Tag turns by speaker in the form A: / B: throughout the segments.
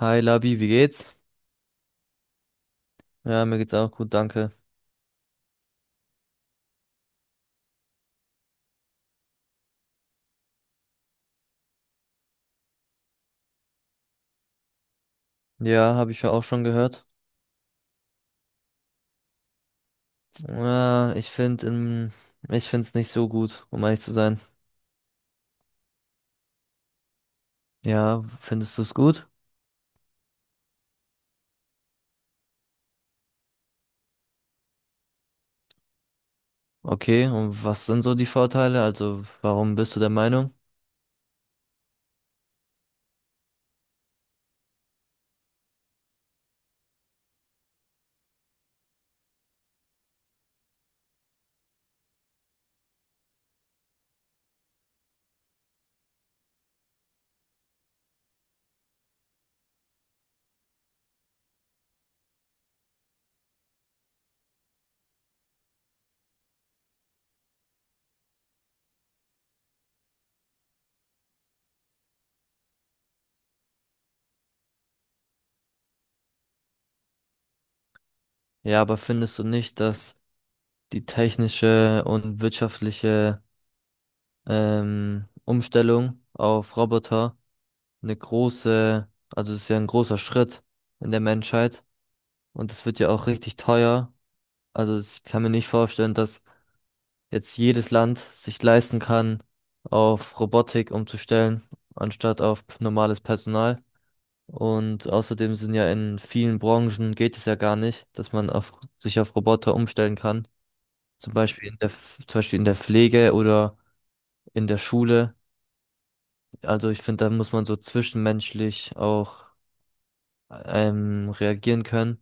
A: Hi Labi, wie geht's? Ja, mir geht's auch gut, danke. Ja, habe ich ja auch schon gehört. Ja, ich finde es nicht so gut, um ehrlich zu sein. Ja, findest du es gut? Okay, und was sind so die Vorteile? Also, warum bist du der Meinung? Ja, aber findest du nicht, dass die technische und wirtschaftliche Umstellung auf Roboter eine große, also es ist ja ein großer Schritt in der Menschheit, und es wird ja auch richtig teuer. Also ich kann mir nicht vorstellen, dass jetzt jedes Land sich leisten kann, auf Robotik umzustellen, anstatt auf normales Personal. Und außerdem sind ja in vielen Branchen, geht es ja gar nicht, dass man sich auf Roboter umstellen kann. Zum Beispiel in zum Beispiel in der Pflege oder in der Schule. Also ich finde, da muss man so zwischenmenschlich auch reagieren können.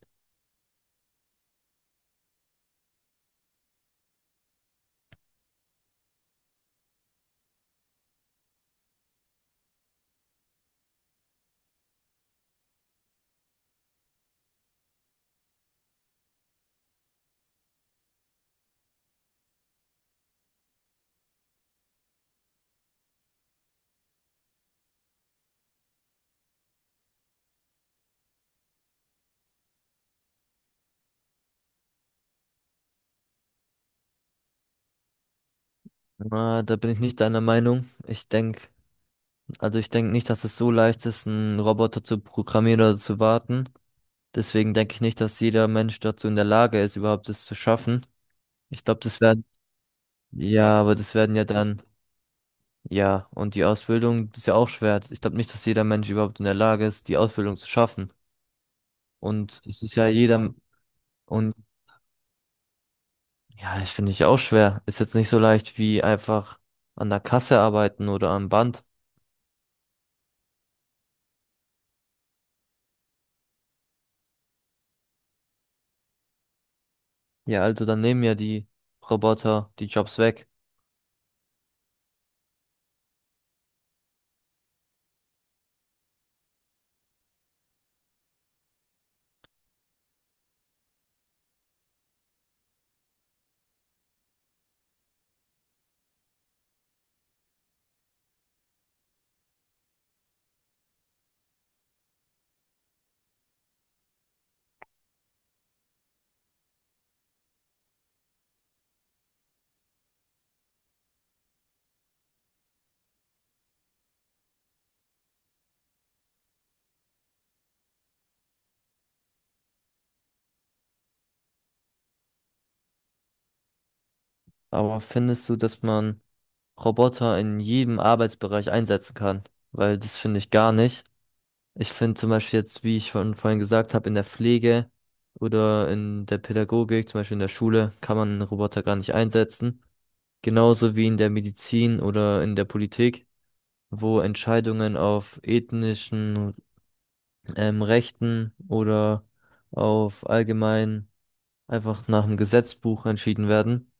A: Na, da bin ich nicht deiner Meinung. Also ich denke nicht, dass es so leicht ist, einen Roboter zu programmieren oder zu warten. Deswegen denke ich nicht, dass jeder Mensch dazu in der Lage ist, überhaupt das zu schaffen. Ich glaube, das werden, ja, aber das werden ja dann, ja, und die Ausbildung, das ist ja auch schwer. Ich glaube nicht, dass jeder Mensch überhaupt in der Lage ist, die Ausbildung zu schaffen. Und es ist ja jeder, und ja, ich finde ich auch schwer. Ist jetzt nicht so leicht wie einfach an der Kasse arbeiten oder am Band. Ja, also dann nehmen ja die Roboter die Jobs weg. Aber findest du, dass man Roboter in jedem Arbeitsbereich einsetzen kann, weil das finde ich gar nicht. Ich finde zum Beispiel jetzt, wie ich von vorhin gesagt habe, in der Pflege oder in der Pädagogik, zum Beispiel in der Schule, kann man einen Roboter gar nicht einsetzen. Genauso wie in der Medizin oder in der Politik, wo Entscheidungen auf ethnischen Rechten oder auf allgemein einfach nach dem Gesetzbuch entschieden werden.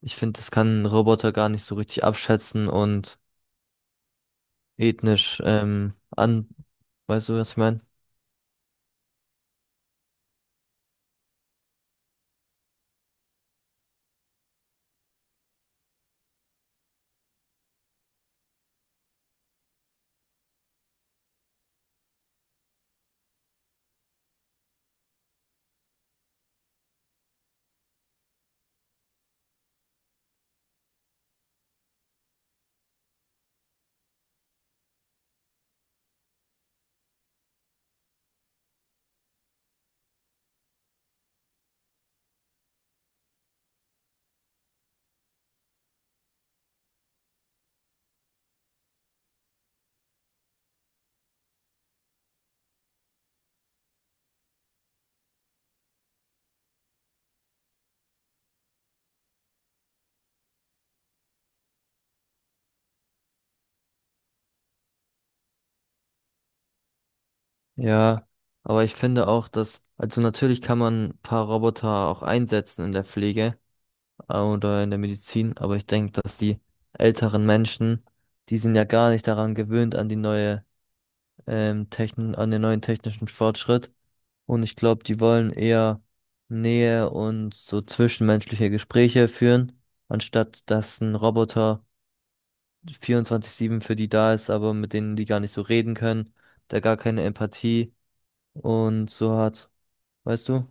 A: Ich finde, das kann ein Roboter gar nicht so richtig abschätzen und ethnisch an. Weißt du, was ich meine? Ja, aber ich finde auch, dass, also natürlich kann man ein paar Roboter auch einsetzen in der Pflege oder in der Medizin, aber ich denke, dass die älteren Menschen, die sind ja gar nicht daran gewöhnt an die neue an den neuen technischen Fortschritt. Und ich glaube, die wollen eher Nähe und so zwischenmenschliche Gespräche führen, anstatt dass ein Roboter 24-7 für die da ist, aber mit denen die gar nicht so reden können, der gar keine Empathie und so hat. Weißt du?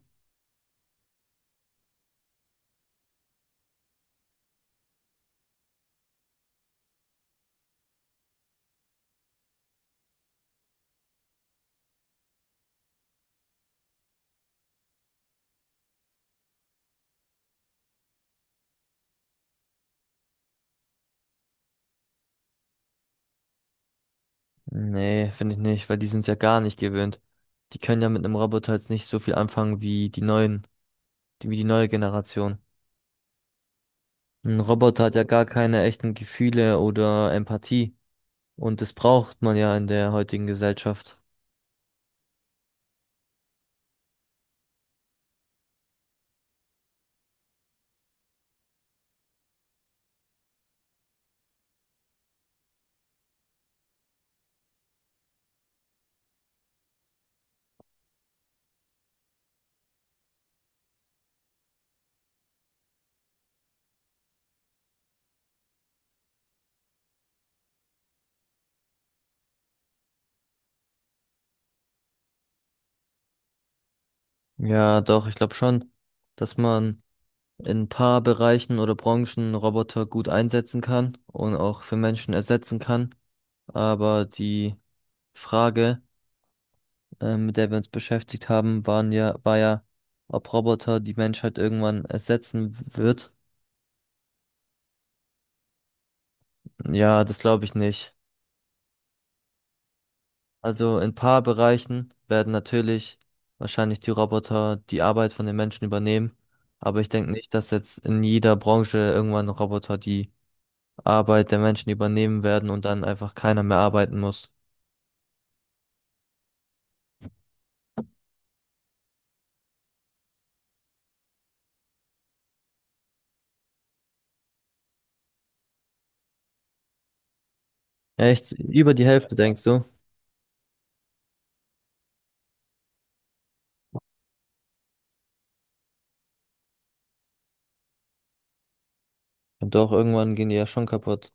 A: Nee, finde ich nicht, weil die sind es ja gar nicht gewöhnt. Die können ja mit einem Roboter jetzt nicht so viel anfangen wie die neuen, die, wie die neue Generation. Ein Roboter hat ja gar keine echten Gefühle oder Empathie. Und das braucht man ja in der heutigen Gesellschaft. Ja, doch, ich glaube schon, dass man in ein paar Bereichen oder Branchen Roboter gut einsetzen kann und auch für Menschen ersetzen kann. Aber die Frage, mit der wir uns beschäftigt haben, waren ja, war ja, ob Roboter die Menschheit irgendwann ersetzen wird. Ja, das glaube ich nicht. Also in ein paar Bereichen werden natürlich wahrscheinlich die Roboter die Arbeit von den Menschen übernehmen. Aber ich denke nicht, dass jetzt in jeder Branche irgendwann Roboter die Arbeit der Menschen übernehmen werden und dann einfach keiner mehr arbeiten muss. Ja, echt, über die Hälfte denkst du? Ja, doch, irgendwann gehen die ja schon kaputt.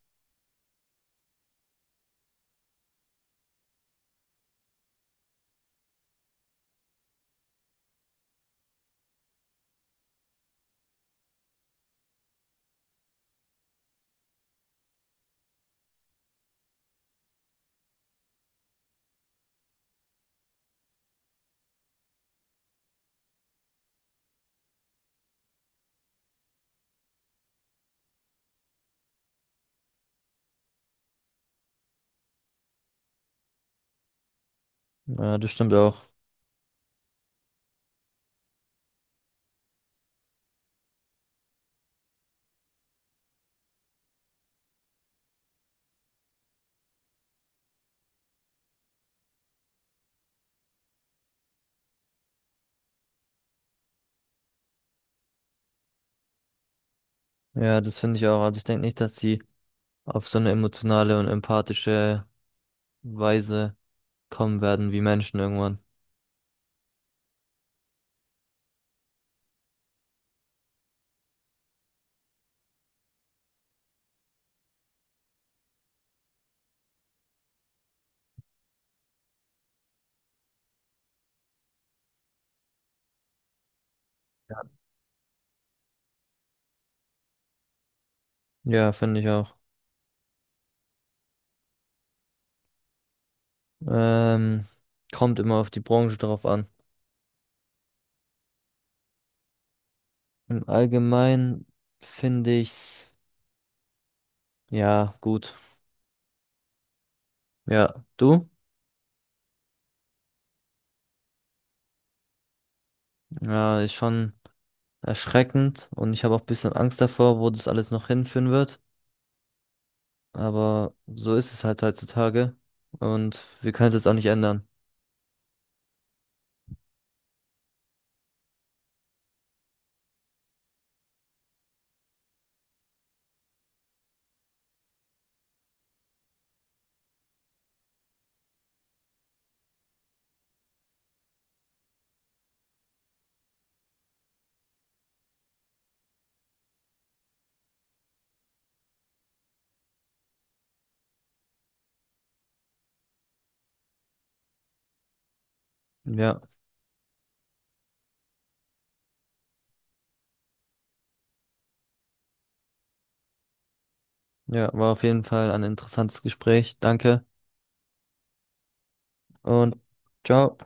A: Ja, das stimmt auch. Ja, das finde ich auch. Also ich denke nicht, dass die auf so eine emotionale und empathische Weise kommen werden wie Menschen irgendwann. Ja, finde ich auch. Ähm, kommt immer auf die Branche drauf an. Im Allgemeinen finde ich's, ja, gut. Ja, du? Ja, ist schon erschreckend, und ich habe auch ein bisschen Angst davor, wo das alles noch hinführen wird. Aber so ist es halt heutzutage. Und wir können es jetzt auch nicht ändern. Ja, ja, war auf jeden Fall ein interessantes Gespräch. Danke und ciao.